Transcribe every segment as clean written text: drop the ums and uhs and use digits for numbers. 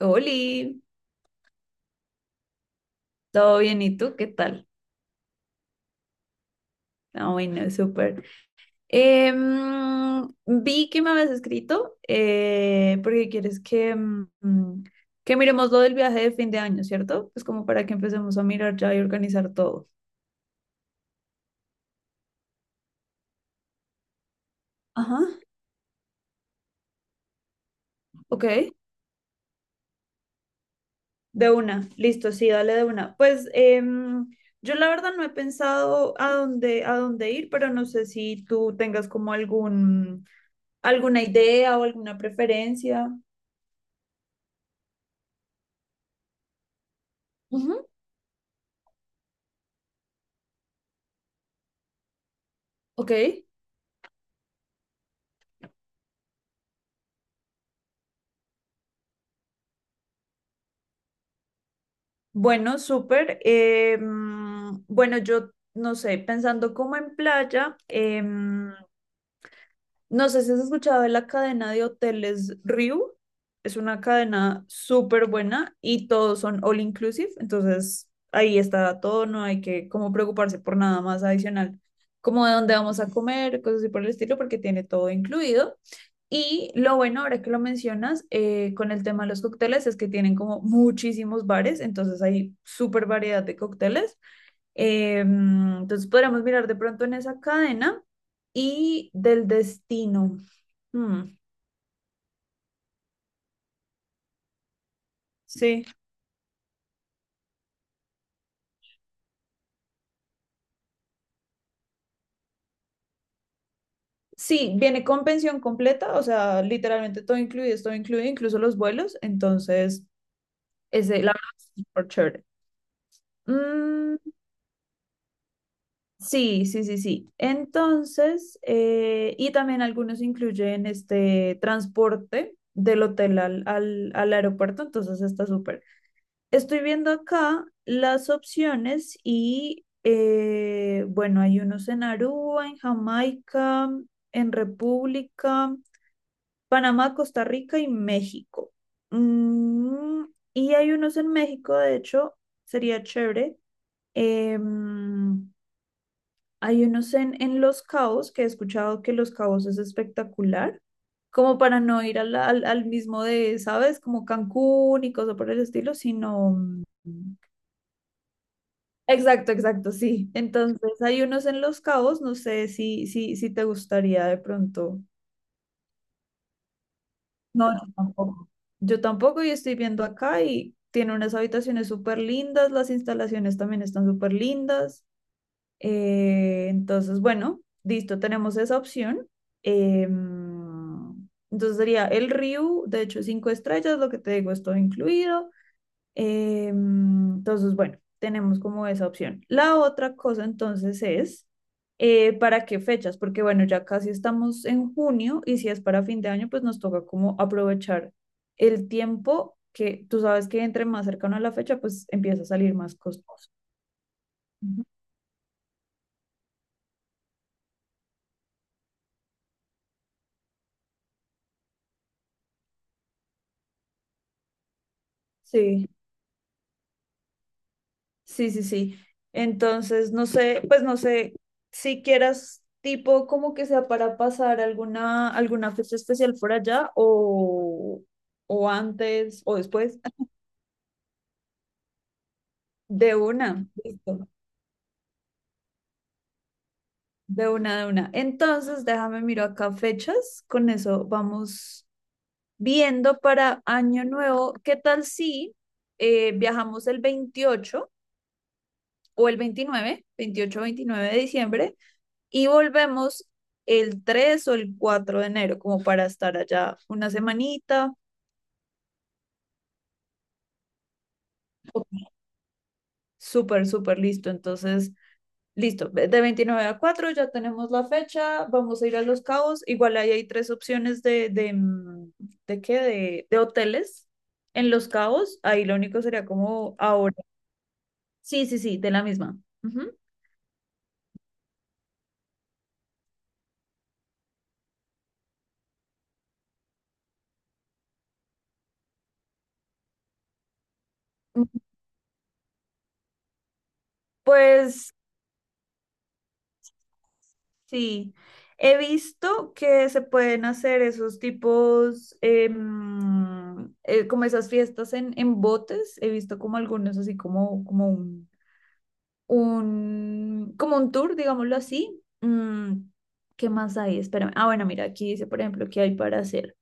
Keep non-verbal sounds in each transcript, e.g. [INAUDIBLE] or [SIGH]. Oli, todo bien, ¿y tú qué tal? Ah, bueno, súper. Vi que me habías escrito porque quieres que, que miremos lo del viaje de fin de año, ¿cierto? Pues como para que empecemos a mirar ya y organizar todo. Ajá, ok. De una, listo, sí, dale de una. Pues yo la verdad no he pensado a dónde ir, pero no sé si tú tengas como algún, alguna idea o alguna preferencia. Ujú, ok. Bueno, súper. Bueno, yo no sé, pensando como en playa, no sé si has escuchado de la cadena de hoteles Riu. Es una cadena súper buena y todos son all inclusive. Entonces ahí está todo, no hay que como preocuparse por nada más adicional, como de dónde vamos a comer, cosas así por el estilo, porque tiene todo incluido. Y lo bueno, ahora que lo mencionas, con el tema de los cócteles es que tienen como muchísimos bares, entonces hay súper variedad de cócteles. Entonces podríamos mirar de pronto en esa cadena y del destino. Mm, sí, sí, viene con pensión completa, o sea, literalmente todo incluido, es todo incluido, incluso los vuelos, entonces ese, la verdad, es súper chévere. Mm, sí, sí, sí, sí. Entonces, y también algunos incluyen este transporte del hotel al aeropuerto, entonces está súper. Estoy viendo acá las opciones y, bueno, hay unos en Aruba, en Jamaica, en República, Panamá, Costa Rica y México. Mm, y hay unos en México, de hecho, sería chévere. em, hay unos en Los Cabos que he escuchado que Los Cabos es espectacular, como para no ir al mismo de, ¿sabes? Como Cancún y cosas por el estilo, sino. mm, Exacto, exacto, sí. Entonces hay unos en Los Cabos, no sé si te gustaría de pronto. No, yo tampoco. Yo tampoco y estoy viendo acá y tiene unas habitaciones súper lindas, las instalaciones también están súper lindas. Entonces, bueno, listo, tenemos esa opción. Entonces sería el Ryu, de hecho, 5 estrellas, lo que te digo es todo incluido. Entonces, bueno, tenemos como esa opción. La otra cosa entonces es, ¿para qué fechas? Porque bueno, ya casi estamos en junio y si es para fin de año, pues nos toca como aprovechar el tiempo que tú sabes que entre más cercano a la fecha, pues empieza a salir más costoso. Ujú. Sí. Sí, sí, sí. Entonces, no sé, pues no sé si quieras tipo como que sea para pasar alguna fecha especial por allá o, antes o después. De una, listo. De una, de una. Entonces, déjame miro acá fechas. Con eso vamos viendo para Año Nuevo. ¿Qué tal si viajamos el 28 o el 29 28 29 de diciembre? Y volvemos el 3 o el 4 de enero, como para estar allá una semanita. Súper, súper listo. Entonces, listo, de 29 a 4 ya tenemos la fecha, vamos a ir a Los Cabos. Igual ahí hay tres opciones de, mm, de qué, de hoteles en Los Cabos. Ahí lo único sería como ahora. Sí, sí, sí, de la misma. Ujú. Pues sí, he visto que se pueden hacer esos tipos, como esas fiestas en botes. He visto como algunos así como un tour, digámoslo así. ¿Qué más hay? Espérame. Ah, bueno, mira, aquí dice, por ejemplo, que hay para hacer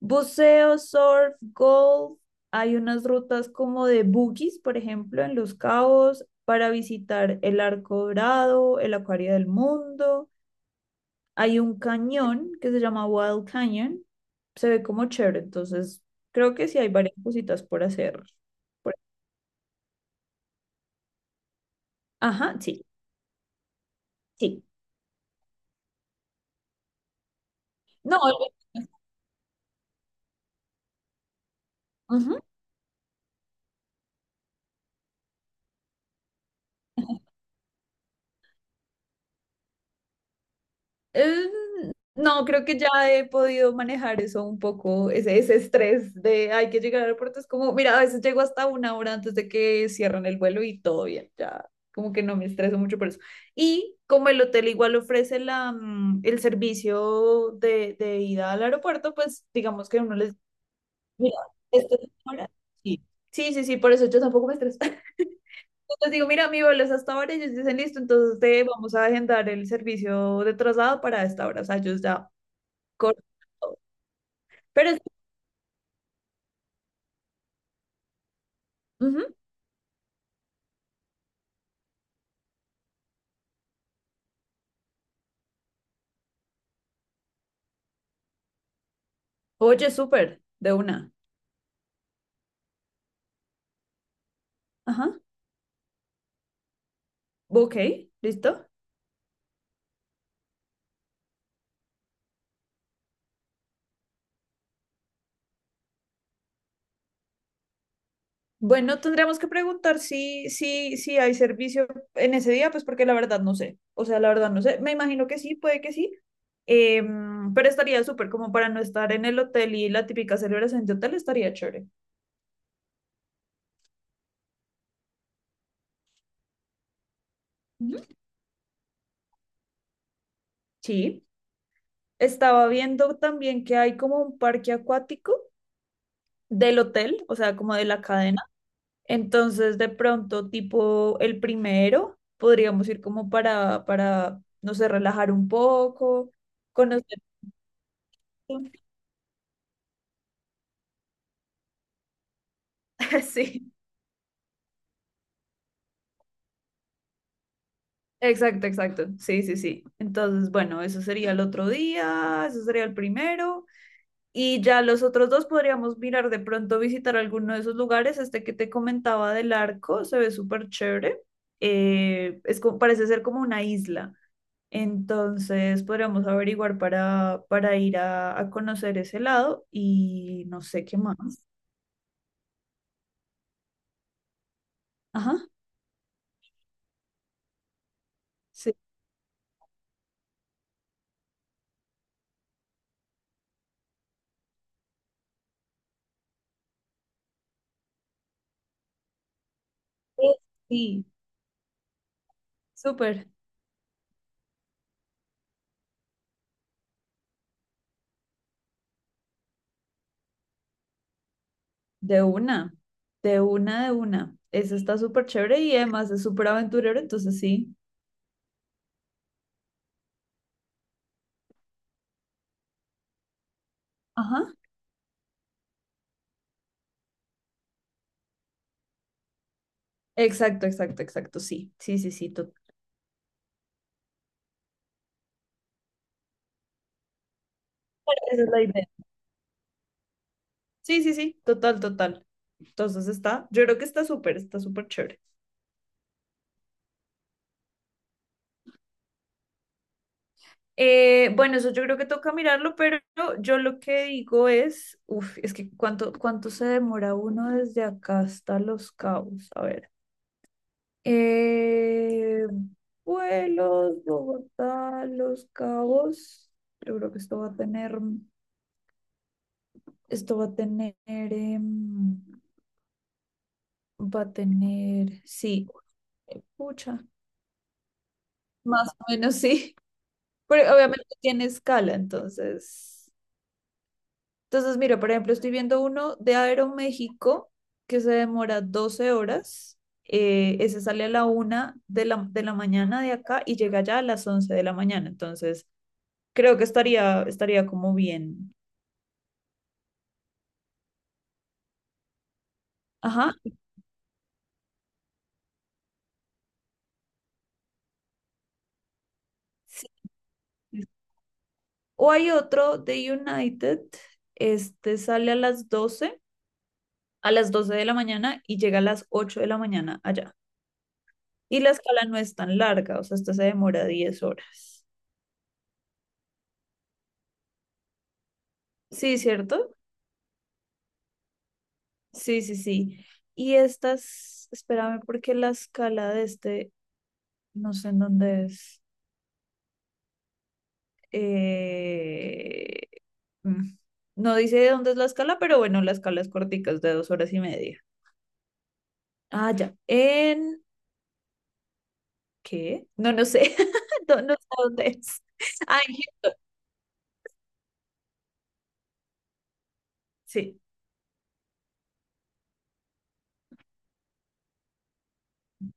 buceo, surf, golf. Hay unas rutas como de buggies, por ejemplo, en Los Cabos, para visitar el Arco Dorado, el Acuario del Mundo. Hay un cañón que se llama Wild Canyon. Se ve como chévere, entonces creo que sí hay varias cositas por hacer. por- Ajá, sí, sí. No, ujú. Eh, no, creo que ya he podido manejar eso un poco, ese estrés de hay que llegar al aeropuerto. Es como, mira, a veces llego hasta 1 hora antes de que cierren el vuelo y todo bien, ya como que no me estreso mucho por eso. Y como el hotel igual ofrece el servicio de ida al aeropuerto, pues digamos que uno les mira, esto es ahora. Sí. Sí, sí, sí, por eso yo tampoco me estreso. [LAUGHS] Entonces digo, mira, mi vuelo es hasta ahora, ellos dicen, listo, entonces te vamos a agendar el servicio de traslado para esta hora. O sea, ellos ya cortan todo. Pero, es- Ujú. Oye, súper, de una. Ajá. Ok, listo. Bueno, tendríamos que preguntar si hay servicio en ese día, pues porque la verdad no sé. O sea, la verdad no sé. Me imagino que sí, puede que sí. Pero estaría súper como para no estar en el hotel y la típica celebración de hotel estaría chévere. Ujú. Sí, estaba viendo también que hay como un parque acuático del hotel, o sea, como de la cadena. Entonces, de pronto, tipo el primero, podríamos ir como para, no sé, relajar un poco, conocer. [LAUGHS] Sí, exacto, exacto. Sí, sí, sí. Entonces, bueno, eso sería el otro día, eso sería el primero. Y ya los otros dos podríamos mirar de pronto visitar alguno de esos lugares. Este que te comentaba del arco se ve súper chévere. Es como, parece ser como una isla. Entonces podríamos averiguar para ir a conocer ese lado y no sé qué más. Ajá, sí. Sí, súper. De una, de una, de una. Eso está súper chévere y además es súper aventurero, entonces sí. Ajá. Exacto, exacto, exacto, sí. Sí, sí, sí, total. Esa es la idea. Sí, sí, sí, total, total. Entonces está, yo creo que está súper chévere. Bueno, eso yo creo que toca mirarlo, pero yo lo que digo es, uf, es que cuánto se demora uno desde acá hasta Los Cabos. A ver. Eh, vuelos, Bogotá, Los Cabos. Yo creo que esto va a tener, esto va a tener, va a tener, sí, pucha, más o menos sí, pero obviamente tiene escala, entonces, mira, por ejemplo, estoy viendo uno de Aeroméxico que se demora 12 horas. Ese sale a la 1 de la mañana de acá y llega ya a las 11 de la mañana. Entonces, creo que estaría como bien. Ajá. Sí. O hay otro de United, este sale a las doce de la mañana y llega a las 8 de la mañana allá. Y la escala no es tan larga, o sea, esta se demora 10 horas. Sí, ¿cierto? Sí, sí, sí. Y estas, espérame, porque la escala de este, no sé en dónde es. Eh, mm, No dice de dónde es la escala, pero bueno, la escala es cortica, es de 2 horas y media. Ah, ya. ¿En qué? No, no sé. [LAUGHS] No, no sé dónde es. Ah, en Egipto. Sí.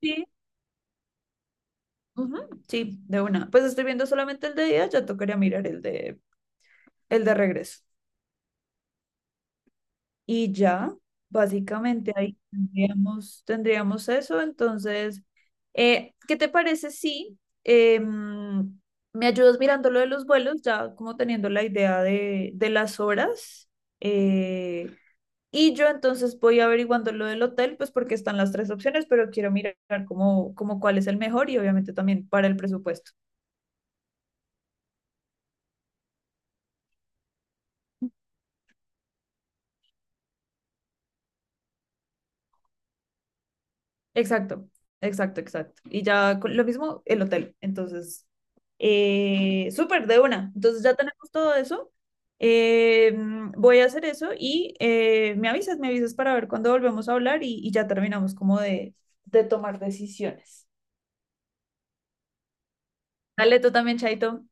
Sí. Ujú, sí, de una. Pues estoy viendo solamente el de día, ya tocaría mirar el de regreso. Y ya, básicamente ahí tendríamos eso. Entonces, ¿qué te parece si em, me ayudas mirando lo de los vuelos, ya como teniendo la idea de las horas? Eh, Y yo entonces voy averiguando lo del hotel, pues porque están las tres opciones, pero quiero mirar cómo cuál es el mejor y obviamente también para el presupuesto. Exacto, exacto, exacto. Y ya lo mismo el hotel. Entonces, súper de una. Entonces ya tenemos todo eso. Voy a hacer eso y me avisas para ver cuándo volvemos a hablar y ya terminamos como de tomar decisiones. Dale tú también, Chaito.